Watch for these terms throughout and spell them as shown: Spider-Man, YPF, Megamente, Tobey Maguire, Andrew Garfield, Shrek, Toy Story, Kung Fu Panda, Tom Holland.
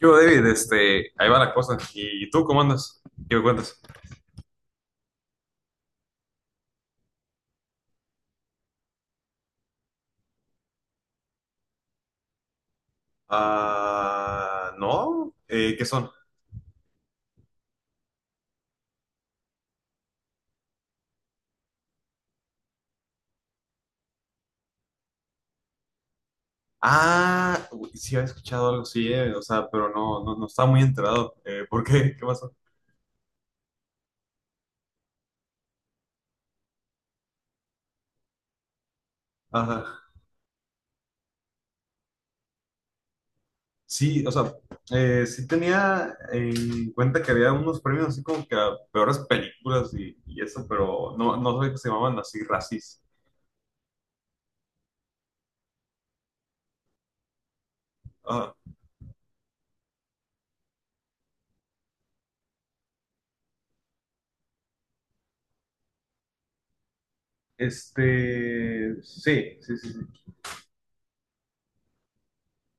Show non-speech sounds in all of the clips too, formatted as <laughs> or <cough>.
Yo, David, ahí va la cosa. ¿Y tú cómo andas? ¿Qué me cuentas? Ah, no. ¿Qué son? Ah, uy, sí había escuchado algo, sí, o sea, pero no, no, no estaba muy enterado. ¿Por qué? <laughs> ¿Qué pasó? Ajá. Sí, o sea, sí tenía en cuenta que había unos premios así como que a peores películas y eso, pero no, no sabía que se llamaban así, racis. Ajá. Sí, sí, sí, sí.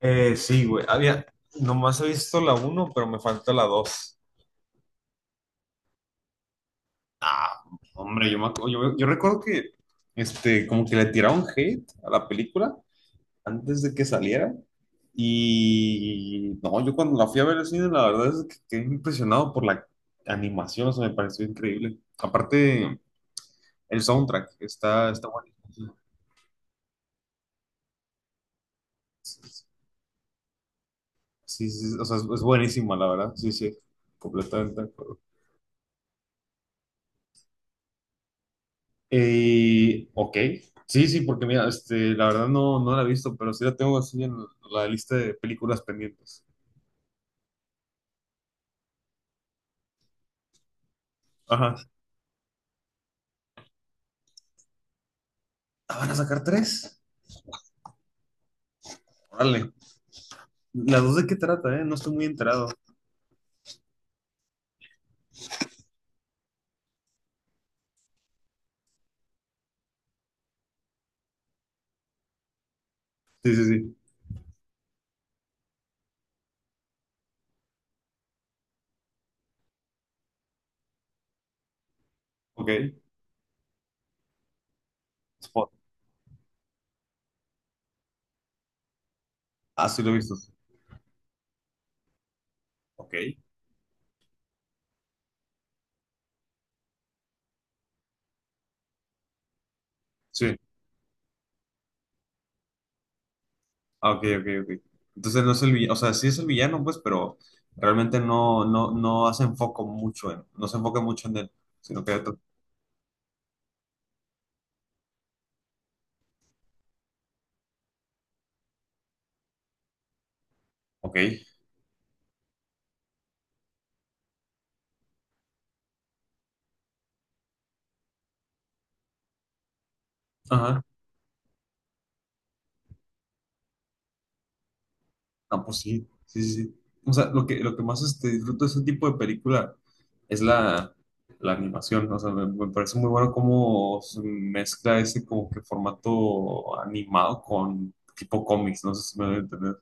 Sí, güey. Nomás he visto la uno, pero me falta la dos. Ah, hombre, yo, me, acu- yo recuerdo que como que le tiraron hate a la película antes de que saliera. Y no, yo cuando la fui a ver al cine, la verdad es que quedé impresionado por la animación, o sea, me pareció increíble. Aparte, el soundtrack está buenísimo. Sí, sí, sí, o sea, es buenísima, la verdad. Sí, sí, completamente. Ok, sí, sí, porque mira, la verdad no, no la he visto, pero sí la tengo así en la lista de películas pendientes. Ajá. Ah, ¿van a sacar tres? Órale. ¿Las dos de qué trata, eh? No estoy muy enterado. Sí, sí, sí. Ok. Spot. Ah, sí lo he visto. Ok. Sí. Ah, ok, ok, ok. Entonces no es el villano, o sea, sí es el villano, pues, pero realmente no, no, no hace enfoco mucho en, no se enfoca mucho en él, sino que. Ok. Ajá. No, pues sí, sí, sí, sí. O sea, lo que más disfruto de ese tipo de película es la animación. O sea, me parece muy bueno cómo se mezcla ese como que formato animado con tipo cómics. No sé si me voy a entender.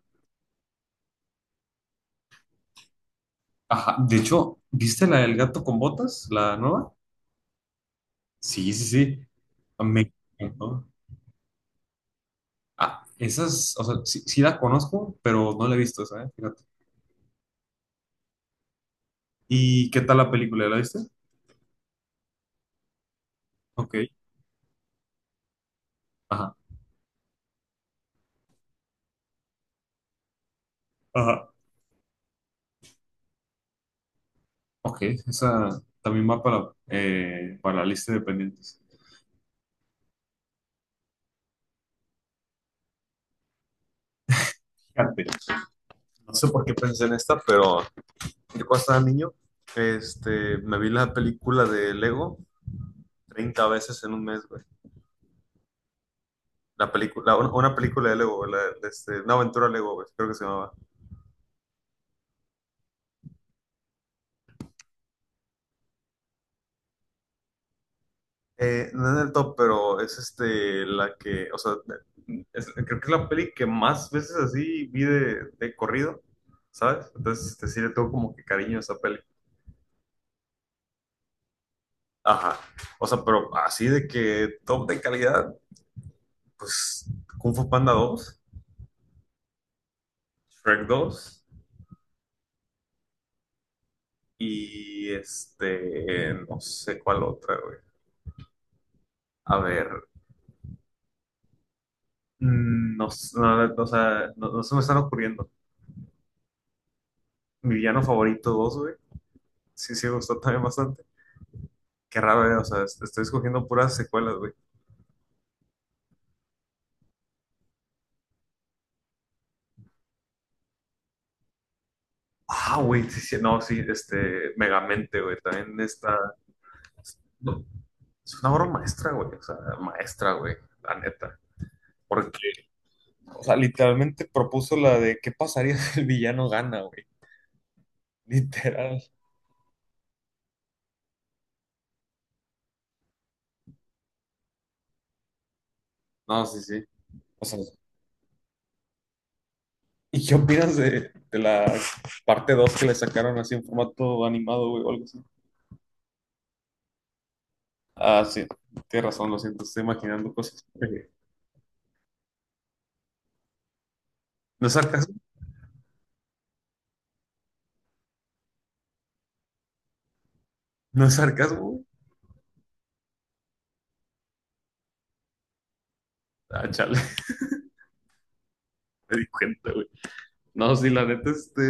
Ajá, de hecho, ¿viste la del gato con botas, la nueva? Sí, sí, sí. Me encantó. Ah, esas, o sea, sí, sí la conozco, pero no la he visto esa, ¿eh? Fíjate. ¿Y qué tal la película? ¿La viste? Ok. Ajá. Ajá. Ok, esa también va para la lista de pendientes. Fíjate, no sé por qué pensé en esta, pero yo cuando estaba niño, me vi la película de Lego 30 veces en un mes, güey. La película, una película de Lego, güey, una aventura Lego, güey, creo que se llamaba. No es el top, pero es la que, o sea, creo que es la peli que más veces así vi de corrido, ¿sabes? Entonces, sí le tengo como que cariño a esa peli. Ajá. O sea, pero así de que top de calidad, pues Kung Fu Panda dos, Shrek dos, y no sé cuál otra, güey. A ver, no, no, o sea, no, no se me están ocurriendo. Mi villano favorito dos, güey. Sí, sí, me gustó también bastante. Qué raro, güey. O sea, estoy escogiendo puras secuelas, güey. Ah, güey, sí, sí, no, sí, Megamente, güey. También está. Es una obra maestra, güey. O sea, maestra, güey. La neta. Porque O sea, literalmente propuso la de qué pasaría <laughs> si el villano gana, güey. Literal. No, sí, sí. O sea, ¿y qué opinas de la parte 2 que le sacaron así en formato animado, güey, o algo así? Ah, sí, tienes razón, lo siento, estoy imaginando cosas. ¿No es sarcasmo? ¿No es sarcasmo, güey? Ah, chale, <laughs> me di cuenta, güey. No, sí, la neta,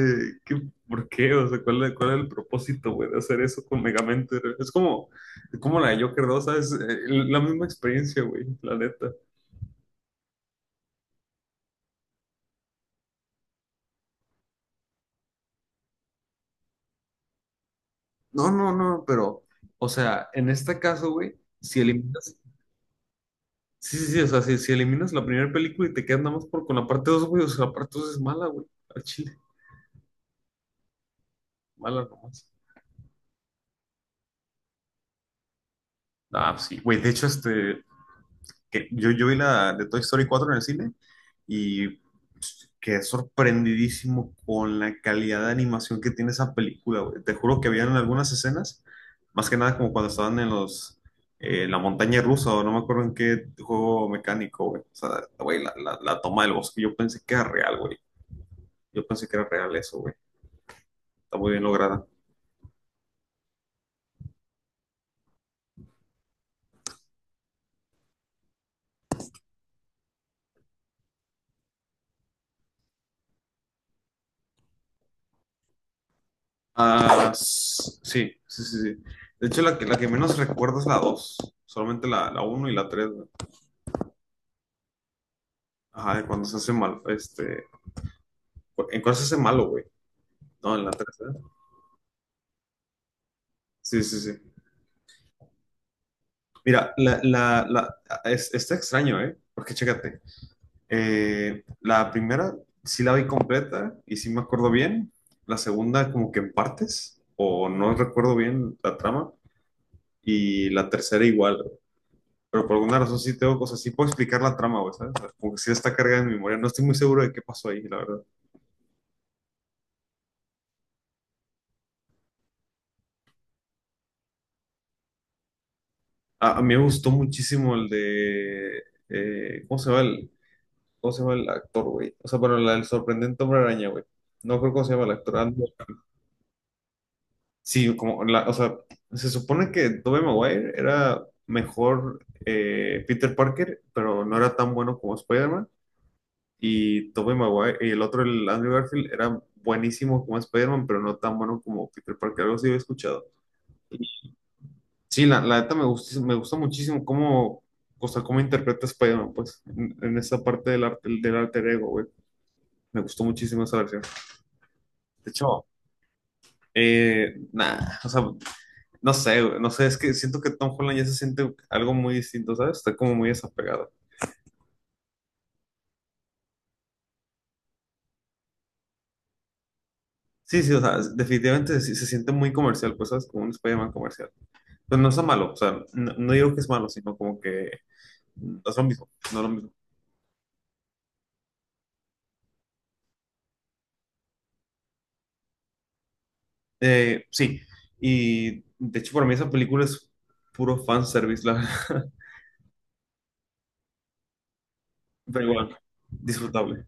¿qué, por qué? O sea, ¿cuál era el propósito, güey, de hacer eso con Megamente? es como, la de Joker 2, ¿sabes? La misma experiencia, güey, la neta. No, no, no, pero, o sea, en este caso, güey, si eliminas, sí, sí, sí, o sea, si eliminas la primera película y te quedas nada más con la parte 2, güey, o sea, la parte 2 es mala, güey, al chile, mala nomás. Ah, pues sí, güey, de hecho, que yo vi la de Toy Story 4 en el cine y quedé sorprendidísimo con la calidad de animación que tiene esa película, güey. Te juro que habían algunas escenas, más que nada como cuando estaban en los, la montaña rusa o no me acuerdo en qué juego mecánico, güey. O sea, güey, la toma del bosque, yo pensé que era real, güey. Yo pensé que era real eso, güey. Está muy bien lograda. Ah, sí, sí, sí, sí. De hecho, la que menos recuerdo es la dos, solamente la uno y la tres. Ajá, de cuando se hace mal, ¿en cuál se hace malo, güey? No, en la tercera. Sí, sí, sí. Mira, está extraño, ¿eh? Porque chécate, la primera sí la vi completa y sí me acuerdo bien, la segunda como que en partes, o no recuerdo bien la trama, y la tercera igual, güey. Pero por alguna razón sí tengo cosas, sí puedo explicar la trama, güey, ¿sabes? O sea, como que sí está cargada en mi memoria, no estoy muy seguro de qué pasó ahí, la verdad. A mí me gustó muchísimo el ¿cómo se llama? ¿Cómo se llama el actor, güey? O sea, bueno, el sorprendente hombre araña, güey. No creo cómo se llama el actor. Andrew-. Sí, como la, o sea, se supone que Tobey Maguire era mejor, Peter Parker, pero no era tan bueno como Spider-Man. Y Tobey Maguire, y el otro, el Andrew Garfield, era buenísimo como Spider-Man, pero no tan bueno como Peter Parker. Algo así había escuchado. Y sí, la neta me gusta, muchísimo cómo, o sea, cómo interpreta Spider-Man, pues, en esa parte del arte, del alter ego, güey. Me gustó muchísimo esa versión. De hecho, nah, o sea, no sé, güey, no sé, es que siento que Tom Holland ya se siente algo muy distinto, ¿sabes? Está como muy desapegado. Sí, sí, o sea, definitivamente se siente muy comercial, pues, ¿sabes? Como un Spider-Man comercial. Pero no está malo, o sea, no, no digo que es malo, sino como que no es lo mismo, no es lo mismo. Sí, y de hecho para mí esa película es puro fanservice, la verdad. <laughs> Pero igual, disfrutable.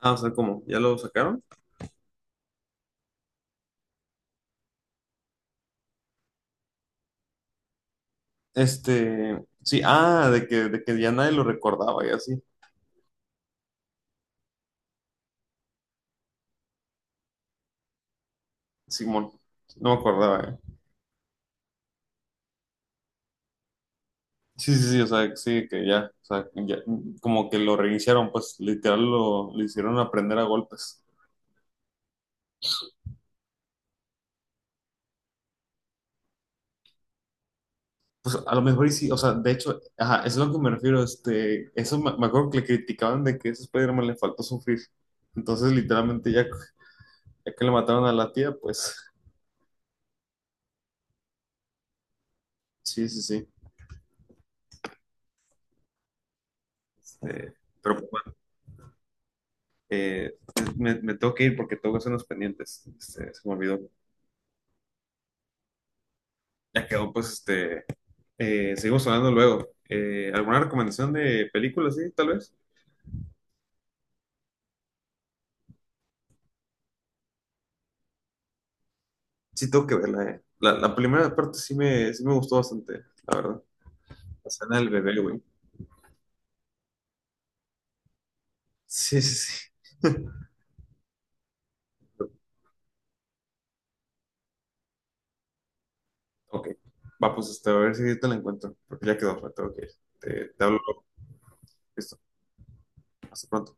Ah, o sea, ¿cómo? ¿Ya lo sacaron? Sí, ah, de que ya nadie lo recordaba y así. Simón, no me acordaba, eh. Sí, sí, sí, o sea, sí, que ya, o sea, ya, como que lo reiniciaron, pues literal lo hicieron aprender a golpes. Pues a lo mejor y sí, o sea, de hecho, ajá, eso es a lo que me refiero, eso me acuerdo que le criticaban de que a ese Spider-Man le faltó sufrir. Entonces, literalmente, ya que le mataron a la tía, pues, sí, sí, sí. Este, pero pues, bueno, eh, me tengo que ir porque tengo que hacer unos pendientes, se me olvidó. Ya quedó, pues, seguimos hablando luego. ¿Alguna recomendación de película, sí, tal vez? Sí, tengo que verla, eh. La primera parte sí me gustó bastante, la verdad. La escena del bebé, güey. Sí, sí, sí. <laughs> Ok. Va, pues a ver si te la encuentro, porque ya quedó, me tengo que ir. Te hablo luego. Listo. Hasta pronto.